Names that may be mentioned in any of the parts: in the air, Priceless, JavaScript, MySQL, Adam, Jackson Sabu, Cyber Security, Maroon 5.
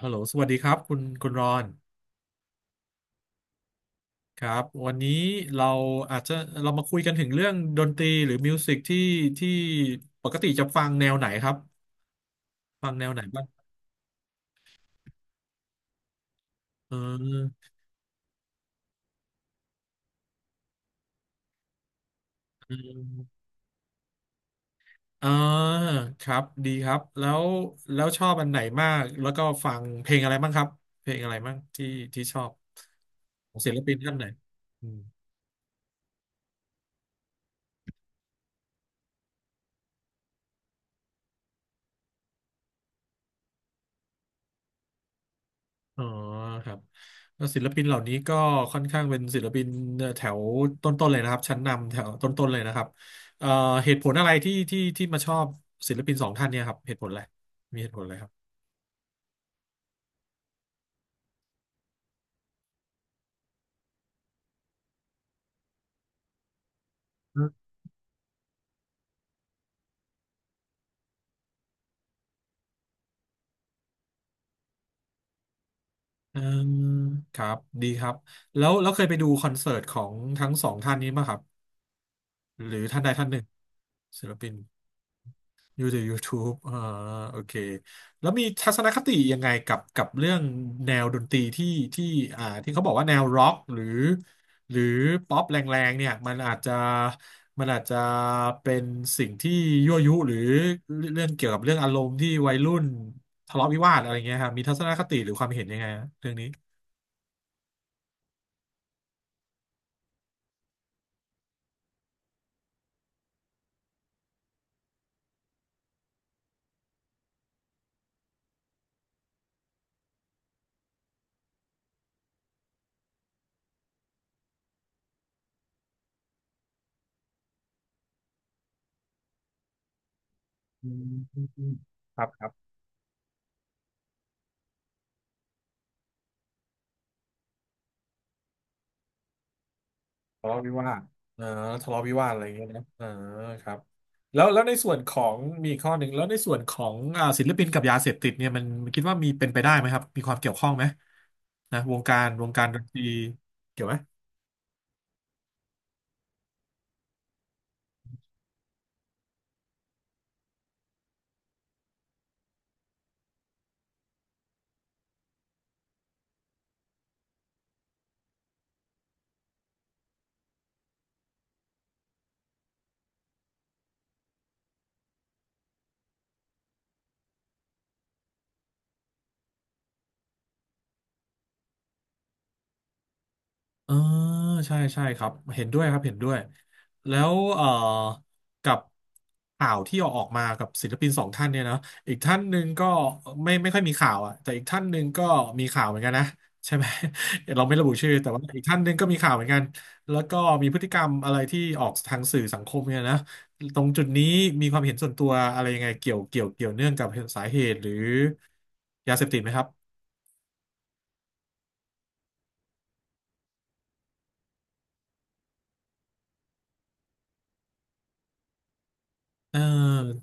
ฮัลโหลสวัสดีครับคุณรอนครับวันนี้เราอาจจะเรามาคุยกันถึงเรื่องดนตรีหรือมิวสิกที่ที่ปกติจะฟังแนวไหนครับฟังแนวไหนบ้างเออเออ่าครับดีครับแล้วชอบอันไหนมากแล้วก็ฟังเพลงอะไรบ้างครับเพลงอะไรบ้างที่ชอบของศิลปินท่านไหน อ๋อครับแล้วศิลปินเหล่านี้ก็ค่อนข้างเป็นศิลปินแถวต้นๆเลยนะครับชั้นนำแถวต้นๆเลยนะครับเอ่อเหตุผลอะไรที่มาชอบศิลปินสองท่านเนี่ยครับเหตุผลอะไรมีเหตุผลอะไรครับอืมครับดีครับแล้วเคยไปดูคอนเสิร์ตของทั้งสองท่านนี้มั้ยครับหรือท่านใดท่านหนึ่งศิลปิน ดูจาก YouTube โอเค แล้วมีทัศนคติยังไงกับเรื่องแนวดนตรีที่ที่ที่เขาบอกว่าแนวร็อกหรือป๊อปแรงๆเนี่ยมันอาจจะเป็นสิ่งที่ยั่วยุหรือเรื่องเกี่ยวกับเรื่องอารมณ์ที่วัยรุ่นทะเลาะวิวาทอะไรเงี้ยครับมีทัศนคติหรือความเห็นยังไงฮะเรื่องนี้อืมครับครับ ทะเลาะวิวาทเออทะเลาะวิวาทอะไรอย่างเงี้ยนะเออครับแล้วในส่วนของมีอีกข้อหนึ่งแล้วในส่วนของศิลปินกับยาเสพติดเนี่ยมันคิดว่ามีเป็นไปได้ไหมครับมีความเกี่ยวข้องไหมนะวงการดนตรีเกี่ยวไหม เออใช่ครับเห็นด้วยครับเห็นด้วยแล้วกับข่าวที่ออกมากับศิลปินสองท่านเนี่ยนะอีกท่านหนึ่งก็ไม่ค่อยมีข่าวอ่ะแต่อีกท่านหนึ่งก็มีข่าวเหมือนกันนะใช่ไหม เราไม่ระบุชื่อแต่ว่าอีกท่านหนึ่งก็มีข่าวเหมือนกันแล้วก็มีพฤติกรรมอะไรที่ออกทางสื่อสังคมเนี่ยนะตรงจุดนี้มีความเห็นส่วนตัวอะไรยังไงเกี่ยวเนื่องกับสาเหตุหรือยาเสพติดไหมครับ เออ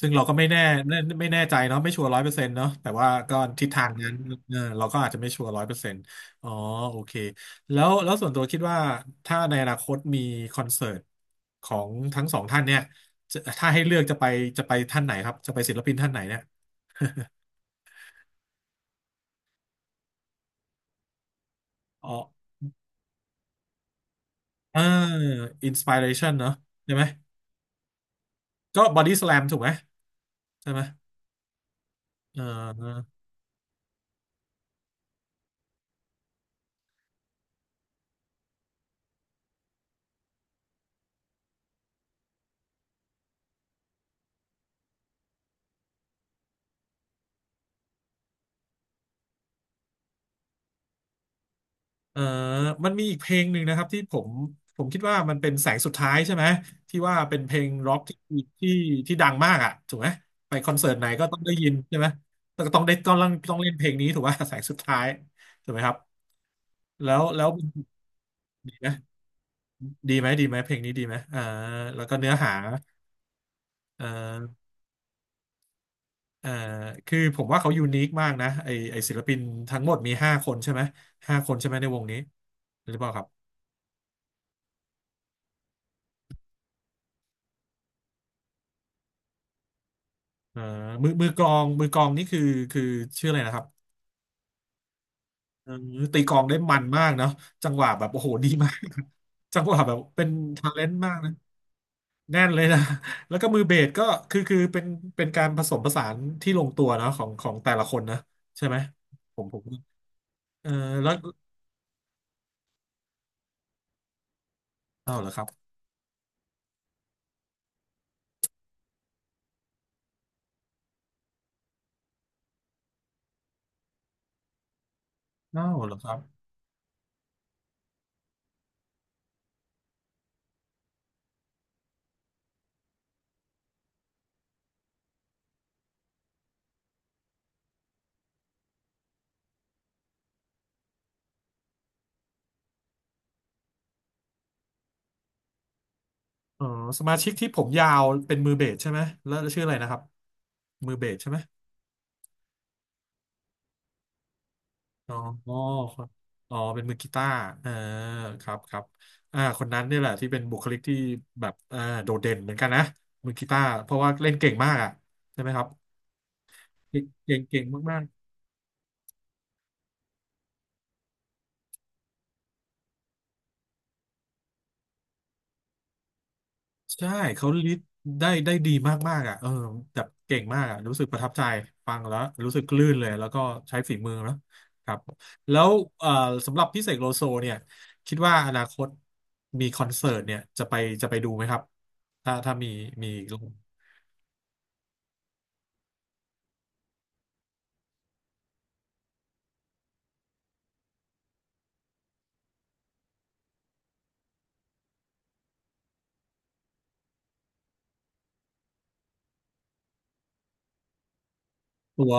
ซึ่งเราก็ไม่แน่ไม่แน่ใจเนาะไม่ชัวร์ร้อยเปอร์เซ็นต์เนาะแต่ว่าก็ทิศทางนั้นเออเราก็อาจจะไม่ชัวร์ร้อยเปอร์เซ็นต์อ๋อโอเคแล้วส่วนตัวคิดว่าถ้าในอนาคตมีคอนเสิร์ตของทั้งสองท่านเนี่ยจะถ้าให้เลือกจะไปจะไปท่านไหนครับจะไปศิลปินท่านไหนเนี่ยอ๋อเอออินสปิเรชันเนาะใช่ไหมก็บอดี้ส a ลมถูกไหมใช่ไหมเออ เอ่อมันมีอีกเพลงหนึ่งนะครับที่ผมคิดว่ามันเป็นแสงสุดท้ายใช่ไหมที่ว่าเป็นเพลงร็อกที่ที่ที่ดังมากอ่ะถูกไหมไปคอนเสิร์ตไหนก็ต้องได้ยินใช่ไหมแต่ก็ต้องได้ต้องเล่นเพลงนี้ถูกว่า แสงสุดท้ายถูกไหมครับแล้วดีไหมดีไหมเพลงนี้ดีไหมแล้วก็เนื้อหาเอ่อเอ่อคือผมว่าเขายูนิคมากนะไอศิลปินทั้งหมดมีห้าคนใช่ไหมห้าคนใช่ไหมในวงนี้หรือเปล่าครับ อ่ามือกลองมือกลองนี่คือคือชื่ออะไรนะครับเออตีกลองได้มันมากเนาะจังหวะแบบโอ้โหดีมาก จังหวะแบบเป็นทาเลนต์มากนะแน่นเลยนะ แล้วก็มือเบสก็คือเป็นการผสมผสานที่ลงตัวเนาะของของแต่ละคนนะใช่ไหมผมเออแล้วอ้าวเหรอครับอ้าวเหรอครับอ๋อสมาชิกที่ผมยาวเป็นมือเบสใช่ไหมแล้วชื่ออะไรนะครับมือเบสใช่ไหม อ๋อครับอ๋อเป็นมือกีตาร์เออครับครับคนนั้นเนี่ยแหละที่เป็นบุคลิกที่แบบโดดเด่นเหมือนกันนะ มือกีตาร์เพราะว่าเล่นเก่งมากอ่ะใช่ไหมครับ เก่งมากๆใช่เขาลิดได้ดีมากๆอ่ะเออแบบเก่งมากอ่ะรู้สึกประทับใจฟังแล้วรู้สึกลื่นเลย แล้วก็ใช้ฝีมือนะครับ แล้วเอ่อสำหรับพี่เสกโลโซเนี่ยคิดว่าอนาคตมีคอนเสิร์ตเนี่ยจะไปจะไปดูไหมครับ ถ้ามีมี ตั๋ว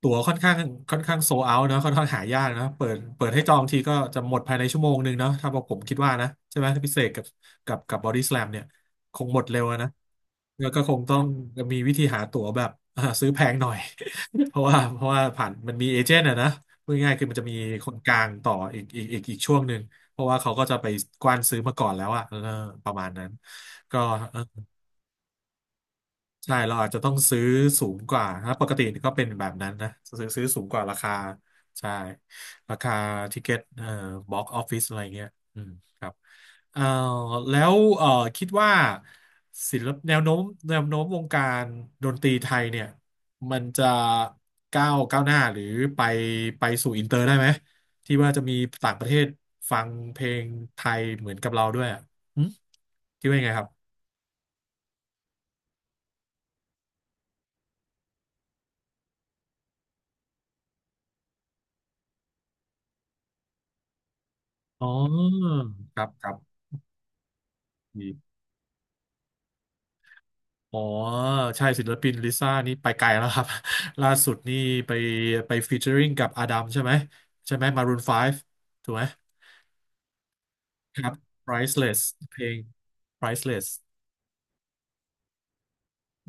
ตั๋วค่อนข้างโซเอาเนาะค่อนข้างหายากเนาะเปิดให้จองทีก็จะหมดภายในชั่วโมงหนึ่งเนาะถ้าบอกผมคิดว่านะใช่ไหมถ้าพิเศษกับกับบอดี้สแลมเนี่ยคงหมดเร็วอะนะแล้วก็คงต้องมีวิธีหาตั๋วแบบ อ่าซื้อแพงหน่อย เพราะว่าผ่านมันมีเอเจนต์อะนะพูดง่ายๆคือมันจะมีคนกลางต่ออีกช่วงหนึ่งเพราะว่าเขาก็จะไปกว้านซื้อมาก่อนแล้วอะเออประมาณนั้นก็ ใช่เราอาจจะต้องซื้อสูงกว่าถ้าปกติก็เป็นแบบนั้นนะซื้อสูงกว่าราคาใช่ราคาทิเก็ตบ็อกออฟฟิศอะไรเงี้ยอืมครับเอ่อแล้วคิดว่าศิลปแนวโน้มวงการดนตรีไทยเนี่ยมันจะก้าวหน้าหรือไปไปสู่อินเตอร์ได้ไหมที่ว่าจะมีต่างประเทศฟังเพลงไทยเหมือนกับเราด้วยอ่ะหึคิดว่ายังไงครับอ๋อครับครับดี อ๋อใช่ศิลปินลิซ่านี่ไปไกลแล้วครับ ล่าสุดนี่ไปไปฟีเจอริงกับอาดัมใช่ไหมใช่ไหมมารูน 5ถูกไหมครับ Priceless เพลง Priceless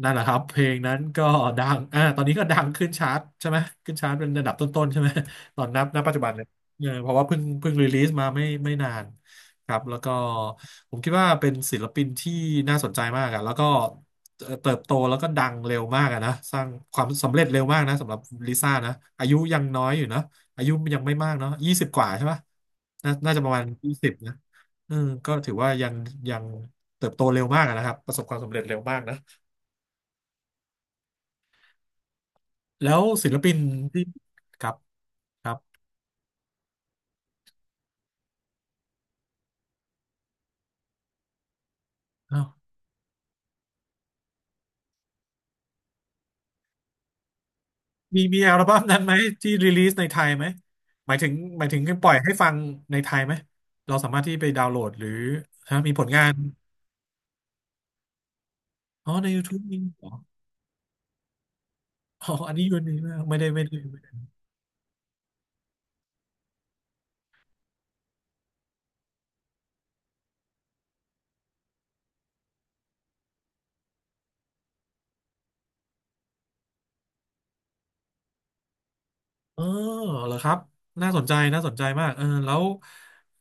นั่นแหละครับเพลงนั้นก็ดังอ่าตอนนี้ก็ดังขึ้นชาร์ตใช่ไหมขึ้นชาร์ตเป็นระดับต้นๆใช่ไหม ตอนนับณปัจจุบันเนี่ยเออเพราะว่าเพิ่งรีลีสมาไม่นานครับแล้วก็ผมคิดว่าเป็นศิลปินที่น่าสนใจมากอะแล้วก็เติบโตแล้วก็ดังเร็วมากอะนะสร้างความสำเร็จเร็วมากนะสำหรับลิซ่านะอายุยังน้อยอยู่นะอายุยังไม่มากเนาะ20 กว่าใช่ปะน่าน่าจะประมาณยี่สิบนะเออก็ถือว่ายังยังเติบโตเร็วมากอะนะครับประสบความสำเร็จเร็วมากนะ แล้วศิลปินที่ครับครับอ้าวมีอัลบั้มนั้นไหมที่รีลีสในไทยไหมหมายถึงปล่อยให้ฟังในไทยไหมเราสามารถที่ไปดาวน์โหลดหรือฮะมีผลงานอ๋อใน YouTube มีเหรออ๋ออันนี้ยูนีมากไม่ได้ไม่ได้ไม่ได้เออเหรอครับน่าสนใจน่าสนใจมากเออแล้ว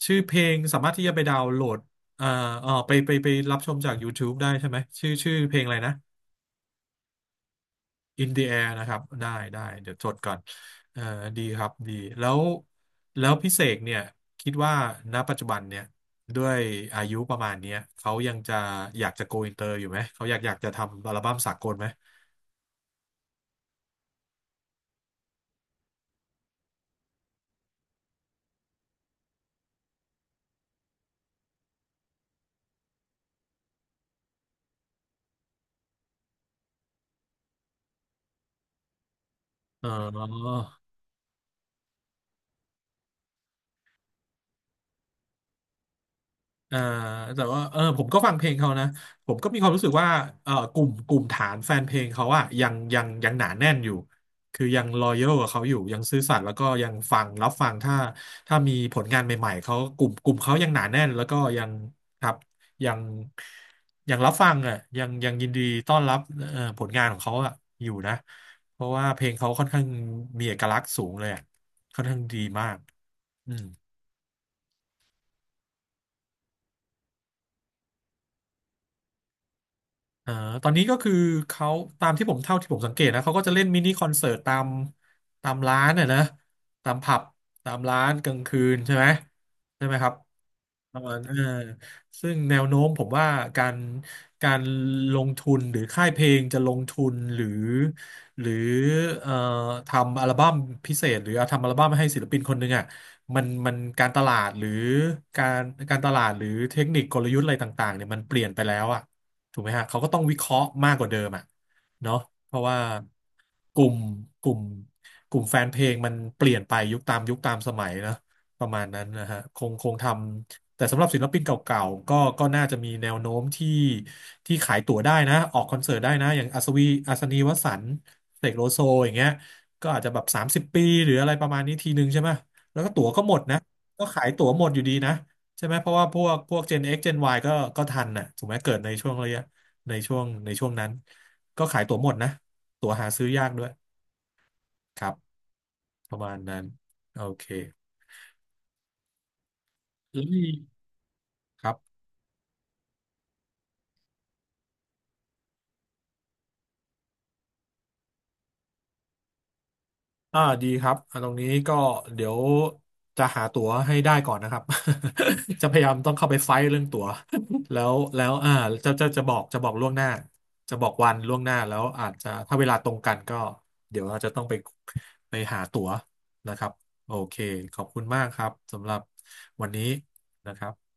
ชื่อเพลงสามารถที่จะไปดาวน์โหลดเอ่อเออไปไปรับชมจาก YouTube ได้ใช่ไหมชื่อเพลงอะไรนะ in the air นะครับได้เดี๋ยวจดก่อนเออดีครับดีแล้วพี่เสกเนี่ยคิดว่าณปัจจุบันเนี่ยด้วยอายุประมาณเนี้ยเขายังจะอยากจะ go inter อยู่ไหมเขาอยากจะทำอัลบั้มสากลไหมเออ เอ่อแต่ว่าเออผมก็ฟังเพลงเขานะผมก็มีความรู้สึกว่าเออกลุ่มฐานแฟนเพลงเขาอะยังยังหนาแน่นอยู่คือยังรอยัลกับเขาอยู่ยังซื่อสัตย์แล้วก็ยังฟังรับฟังถ้ามีผลงานใหม่ๆเขากลุ่มเขายังหนาแน่นแล้วก็ยังครับยังยังรับฟังอะยังยังยินดีต้อนรับผลงานของเขาอะอยู่นะเพราะว่าเพลงเขาค่อนข้างมีเอกลักษณ์สูงเลยอะค่อนข้างดีมากอืม อ่าตอนนี้ก็คือเขาตามที่ผมเท่าที่ผมสังเกตนะเขาก็จะเล่นมินิคอนเสิร์ตตามร้านน่ะนะตามผับตามร้านกลางคืนใช่ไหมใช่ไหมครับประมาณเออซึ่งแนวโน้มผมว่าการการลงทุนหรือค่ายเพลงจะลงทุนหรือหรือเอ่อทำอัลบั้มพิเศษหรือเอาทำอัลบั้มให้ศิลปินคนหนึ่งอ่ะมันการตลาดหรือการการตลาดหรือเทคนิคกลยุทธ์อะไรต่างๆเนี่ยมันเปลี่ยนไปแล้วอ่ะ ถูกไหมฮะเขาก็ต้องวิเคราะห์มากกว่าเดิมอ่ะเนาะเพราะว่ากลุ่มกลุ่มกลุ่มแฟนเพลงมันเปลี่ยนไปยุคตามยุคตามสมัยนะประมาณนั้นนะฮะคงทำแต่สำหรับศิลปินเก่าๆก็น่าจะมีแนวโน้มที่ขายตั๋วได้นะออกคอนเสิร์ตได้นะอย่างอัศวีอัศนีวสันต์เสกโลโซอย่างเงี้ยก็อาจจะแบบ30 ปีหรืออะไรประมาณนี้ทีนึงใช่ไหมแล้วก็ตั๋วก็หมดนะก็ขายตั๋วหมดอยู่ดีนะ ใช่ไหมเพราะว่าพวก Gen X Gen Y ก็ทันน่ะถูกไหมเกิดในช่วงระยะในช่วงนั้นก็ขายตั๋วหมดนะตั๋วหาซื้อยากด้วยครับประมาณนั้นโอเคแล้วมีครับ อ่าดีครับอ่าตรงนี้ก็เดี๋ยวจะหาตั๋วให้ได้ก่อนนะครับ จะพยายามต้องเข้าไปไฟท์เรื่องตั๋วแล้วอ่าจะจะบอกล่วงหน้าจะบอกวันล่วงหน้าแล้วอาจจะถ้าเวลาตรงกันก็เดี๋ยวเราจะต้องไปหาตั๋วนะครับโอเคขอบคุณมากครับสำหรับวันนี้นะครับ